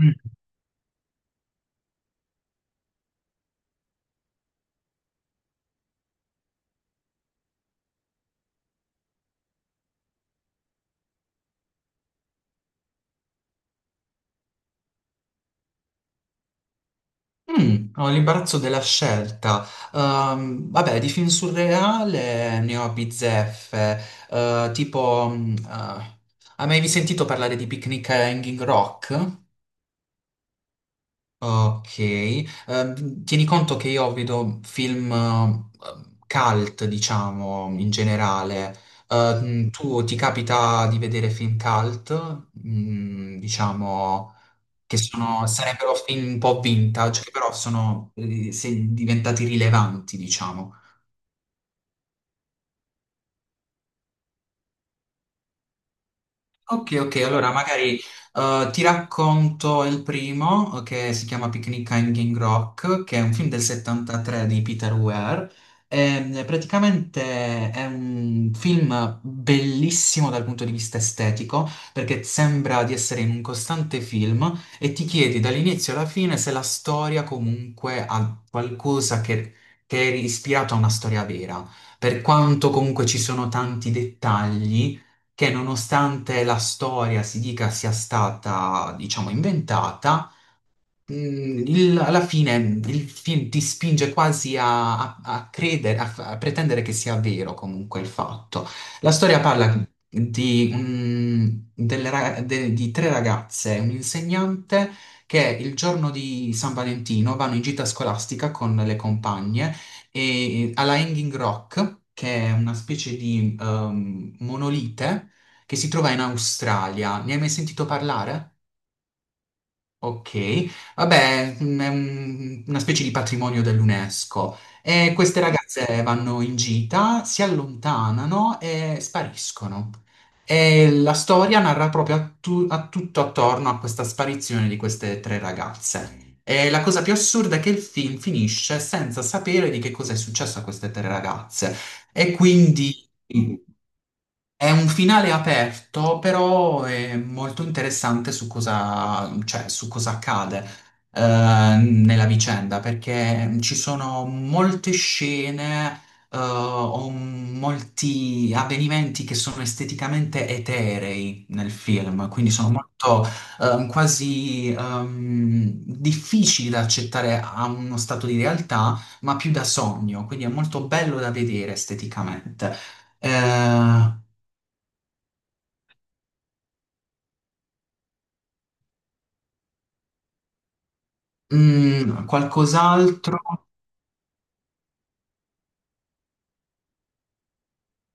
Mm. Ho l'imbarazzo della scelta. Vabbè, di film surreale ne ho bizzeffe. Tipo, hai mai sentito parlare di Picnic a Hanging Rock? Ok. Tieni conto che io vedo film cult, diciamo, in generale. Tu ti capita di vedere film cult? Diciamo. Che sarebbero film un po' vintage, che però sono diventati rilevanti, diciamo. Ok, ok, allora magari ti racconto il primo che si chiama Picnic a Hanging Rock, che è un film del 73 di Peter Weir. Praticamente è un film bellissimo dal punto di vista estetico, perché sembra di essere in un costante film e ti chiedi dall'inizio alla fine se la storia comunque ha qualcosa che è ispirato a una storia vera. Per quanto comunque ci sono tanti dettagli che nonostante la storia si dica sia stata, diciamo, inventata, alla fine il film ti spinge quasi a credere, a pretendere che sia vero comunque il fatto. La storia parla di, di tre ragazze, e un insegnante che il giorno di San Valentino vanno in gita scolastica con le compagne e, alla Hanging Rock, che è una specie di monolite che si trova in Australia. Ne hai mai sentito parlare? Ok, vabbè, è una specie di patrimonio dell'UNESCO. E queste ragazze vanno in gita, si allontanano e spariscono. E la storia narra proprio a tutto attorno a questa sparizione di queste tre ragazze. E la cosa più assurda è che il film finisce senza sapere di che cosa è successo a queste tre ragazze. E quindi è un finale aperto, però è molto interessante su cosa, cioè, su cosa accade eh, nella vicenda, perché ci sono molte scene o molti avvenimenti che sono esteticamente eterei nel film, quindi sono molto quasi difficili da accettare a uno stato di realtà, ma più da sogno, quindi è molto bello da vedere esteticamente. Eh, Qualcos'altro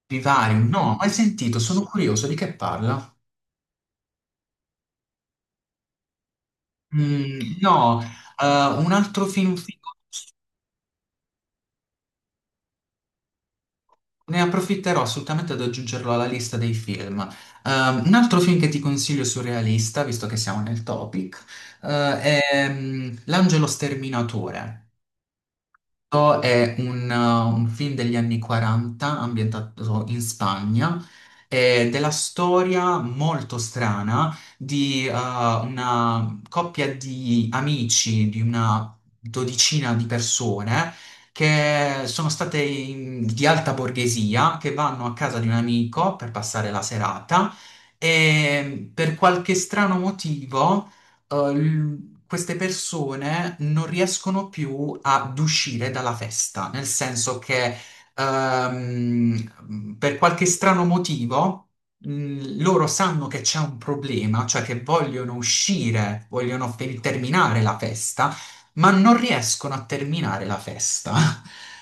di vario? No, mai sentito, sono curioso di che parla. No, un altro film figo, ne approfitterò assolutamente ad aggiungerlo alla lista dei film. Un altro film che ti consiglio surrealista, visto che siamo nel topic, è L'Angelo Sterminatore. Questo è un film degli anni 40 ambientato in Spagna, della storia molto strana di una coppia di amici, di una dodicina di persone che sono state di alta borghesia, che vanno a casa di un amico per passare la serata e per qualche strano motivo queste persone non riescono più ad uscire dalla festa, nel senso che per qualche strano motivo loro sanno che c'è un problema, cioè che vogliono uscire, vogliono terminare la festa, ma non riescono a terminare la festa.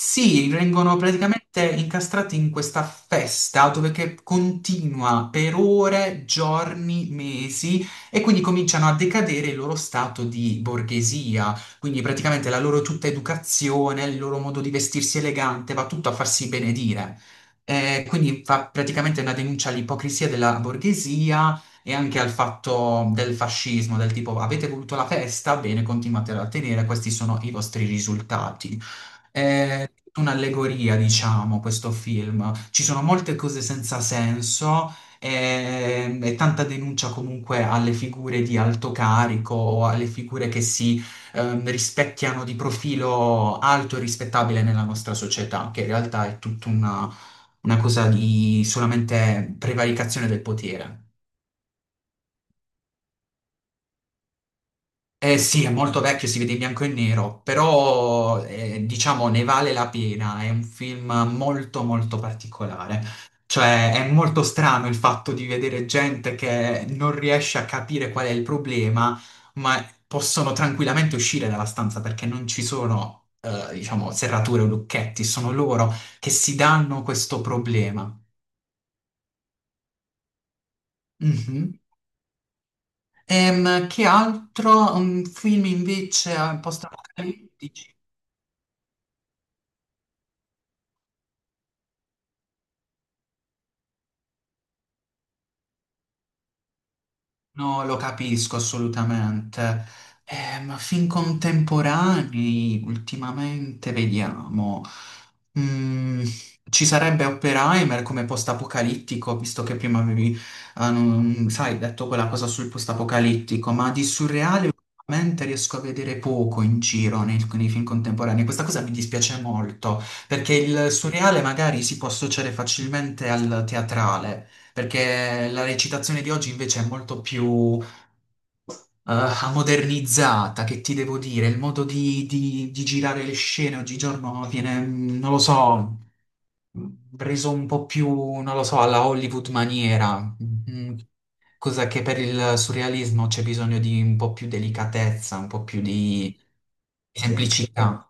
Sì, vengono praticamente incastrati in questa festa dove che continua per ore, giorni, mesi e quindi cominciano a decadere il loro stato di borghesia. Quindi praticamente la loro tutta educazione, il loro modo di vestirsi elegante va tutto a farsi benedire. Quindi fa praticamente una denuncia all'ipocrisia della borghesia e anche al fatto del fascismo, del tipo avete voluto la festa, bene, continuate a tenere, questi sono i vostri risultati. È un'allegoria, diciamo, questo film. Ci sono molte cose senza senso e tanta denuncia comunque alle figure di alto carico o alle figure che si rispecchiano di profilo alto e rispettabile nella nostra società, che in realtà è tutta una cosa di solamente prevaricazione del potere. Eh sì, è molto vecchio, si vede in bianco e nero, però diciamo ne vale la pena, è un film molto molto particolare. Cioè è molto strano il fatto di vedere gente che non riesce a capire qual è il problema, ma possono tranquillamente uscire dalla stanza perché non ci sono, diciamo, serrature o lucchetti, sono loro che si danno questo problema. Mhm. Che altro? Un film invece post. No, lo capisco assolutamente. Ma film contemporanei, ultimamente, vediamo. Mm, Ci sarebbe Oppenheimer come post-apocalittico, visto che prima avevi, sai, detto quella cosa sul post-apocalittico, ma di surreale ultimamente riesco a vedere poco in giro nei film contemporanei. Questa cosa mi dispiace molto, perché il surreale magari si può associare facilmente al teatrale perché la recitazione di oggi invece è molto più modernizzata, che ti devo dire, il modo di girare le scene oggigiorno viene, non lo so, mm, reso un po' più, non lo so, alla Hollywood maniera, cosa che per il surrealismo c'è bisogno di un po' più delicatezza, un po' più di, sì, semplicità.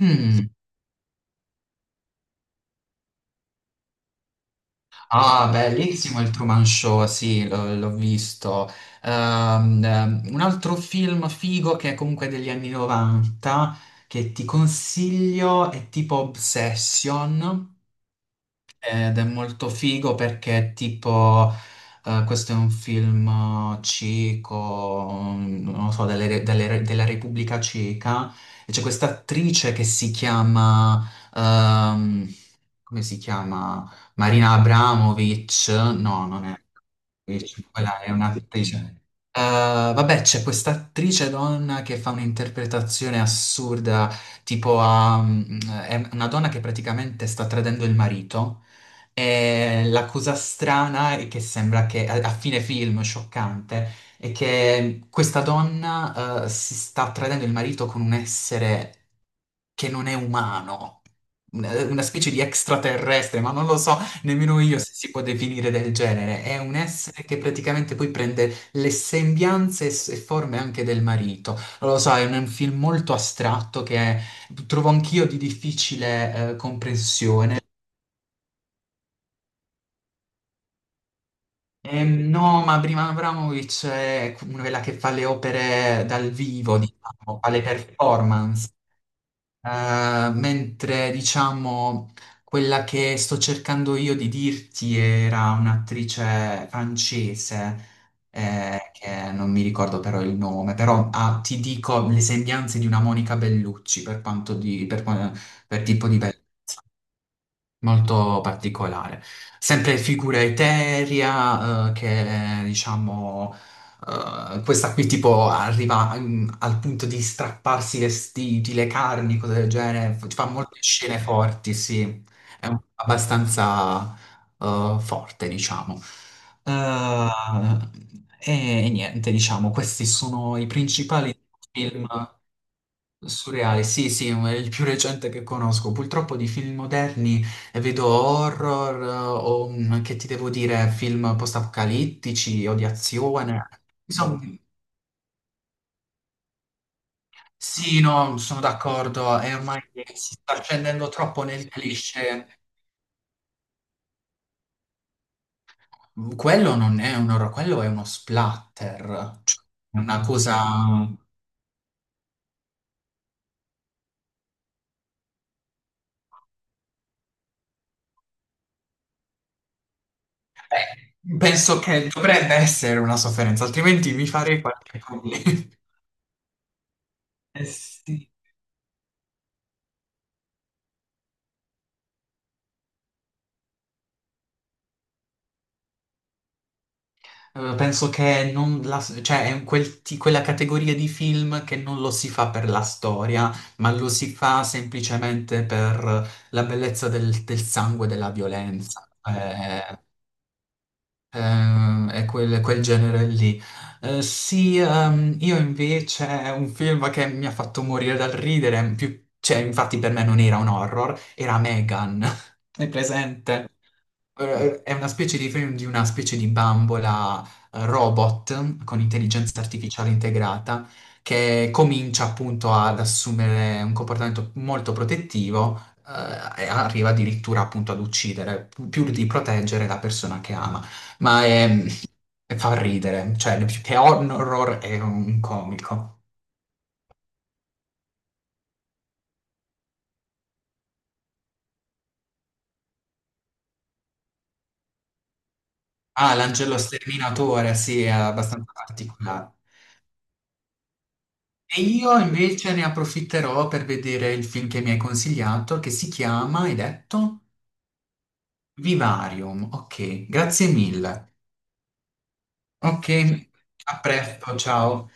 Mm. Ah, bellissimo il Truman Show, sì, l'ho visto. Un altro film figo che è comunque degli anni 90, che ti consiglio, è tipo Obsession, ed è molto figo perché è tipo, questo è un film ceco, non lo so, della Repubblica Ceca, e c'è questa attrice che si chiama... ehm, come si chiama? Marina Abramovic, no, non è Abramovic, quella è un'attrice. Vabbè, c'è questa attrice donna che fa un'interpretazione assurda, tipo è una donna che praticamente sta tradendo il marito e la cosa strana è che sembra che a fine film, scioccante, è che questa donna, si sta tradendo il marito con un essere che non è umano, una specie di extraterrestre, ma non lo so nemmeno io se si può definire del genere. È un essere che praticamente poi prende le sembianze e e forme anche del marito. Non lo so, è un film molto astratto che trovo anch'io di difficile, comprensione. No, ma Brian Abramovic è quella che fa le opere dal vivo, diciamo, fa le performance. Mentre diciamo quella che sto cercando io di dirti era un'attrice francese, che non mi ricordo però il nome, però ti dico le sembianze di una Monica Bellucci per quanto di, per, per tipo di bellezza molto particolare. Sempre figura eterea, che diciamo, questa qui tipo arriva al punto di strapparsi i vestiti, le carni, cose del genere, fa molte scene forti, sì, è abbastanza forte, diciamo. Eh, e niente, diciamo, questi sono i principali film. Surreale, sì, sì, è il più recente che conosco. Purtroppo di film moderni vedo horror o che ti devo dire, film post-apocalittici o di azione. Insomma, sì, no, sono d'accordo, e ormai si sta scendendo troppo nel cliché. Quello non è un horror, quello è uno splatter, cioè è una cosa... Penso che dovrebbe essere una sofferenza, altrimenti mi farei qualche problema. Eh sì. Penso che non, cioè, è quella categoria di film che non lo si fa per la storia, ma lo si fa semplicemente per la bellezza del sangue e della violenza. È quel genere lì. Sì, io invece un film che mi ha fatto morire dal ridere, cioè, infatti per me non era un horror, era Megan. È presente? È una specie di film di una specie di bambola robot con intelligenza artificiale integrata che comincia appunto ad assumere un comportamento molto protettivo e arriva addirittura appunto ad uccidere, più di proteggere la persona che ama. Ma fa ridere, cioè più che un horror è un comico. Ah, l'Angelo Sterminatore, sì, è abbastanza particolare. E io invece ne approfitterò per vedere il film che mi hai consigliato, che si chiama, hai detto? Vivarium. Ok, grazie mille. Ok, a presto, ciao.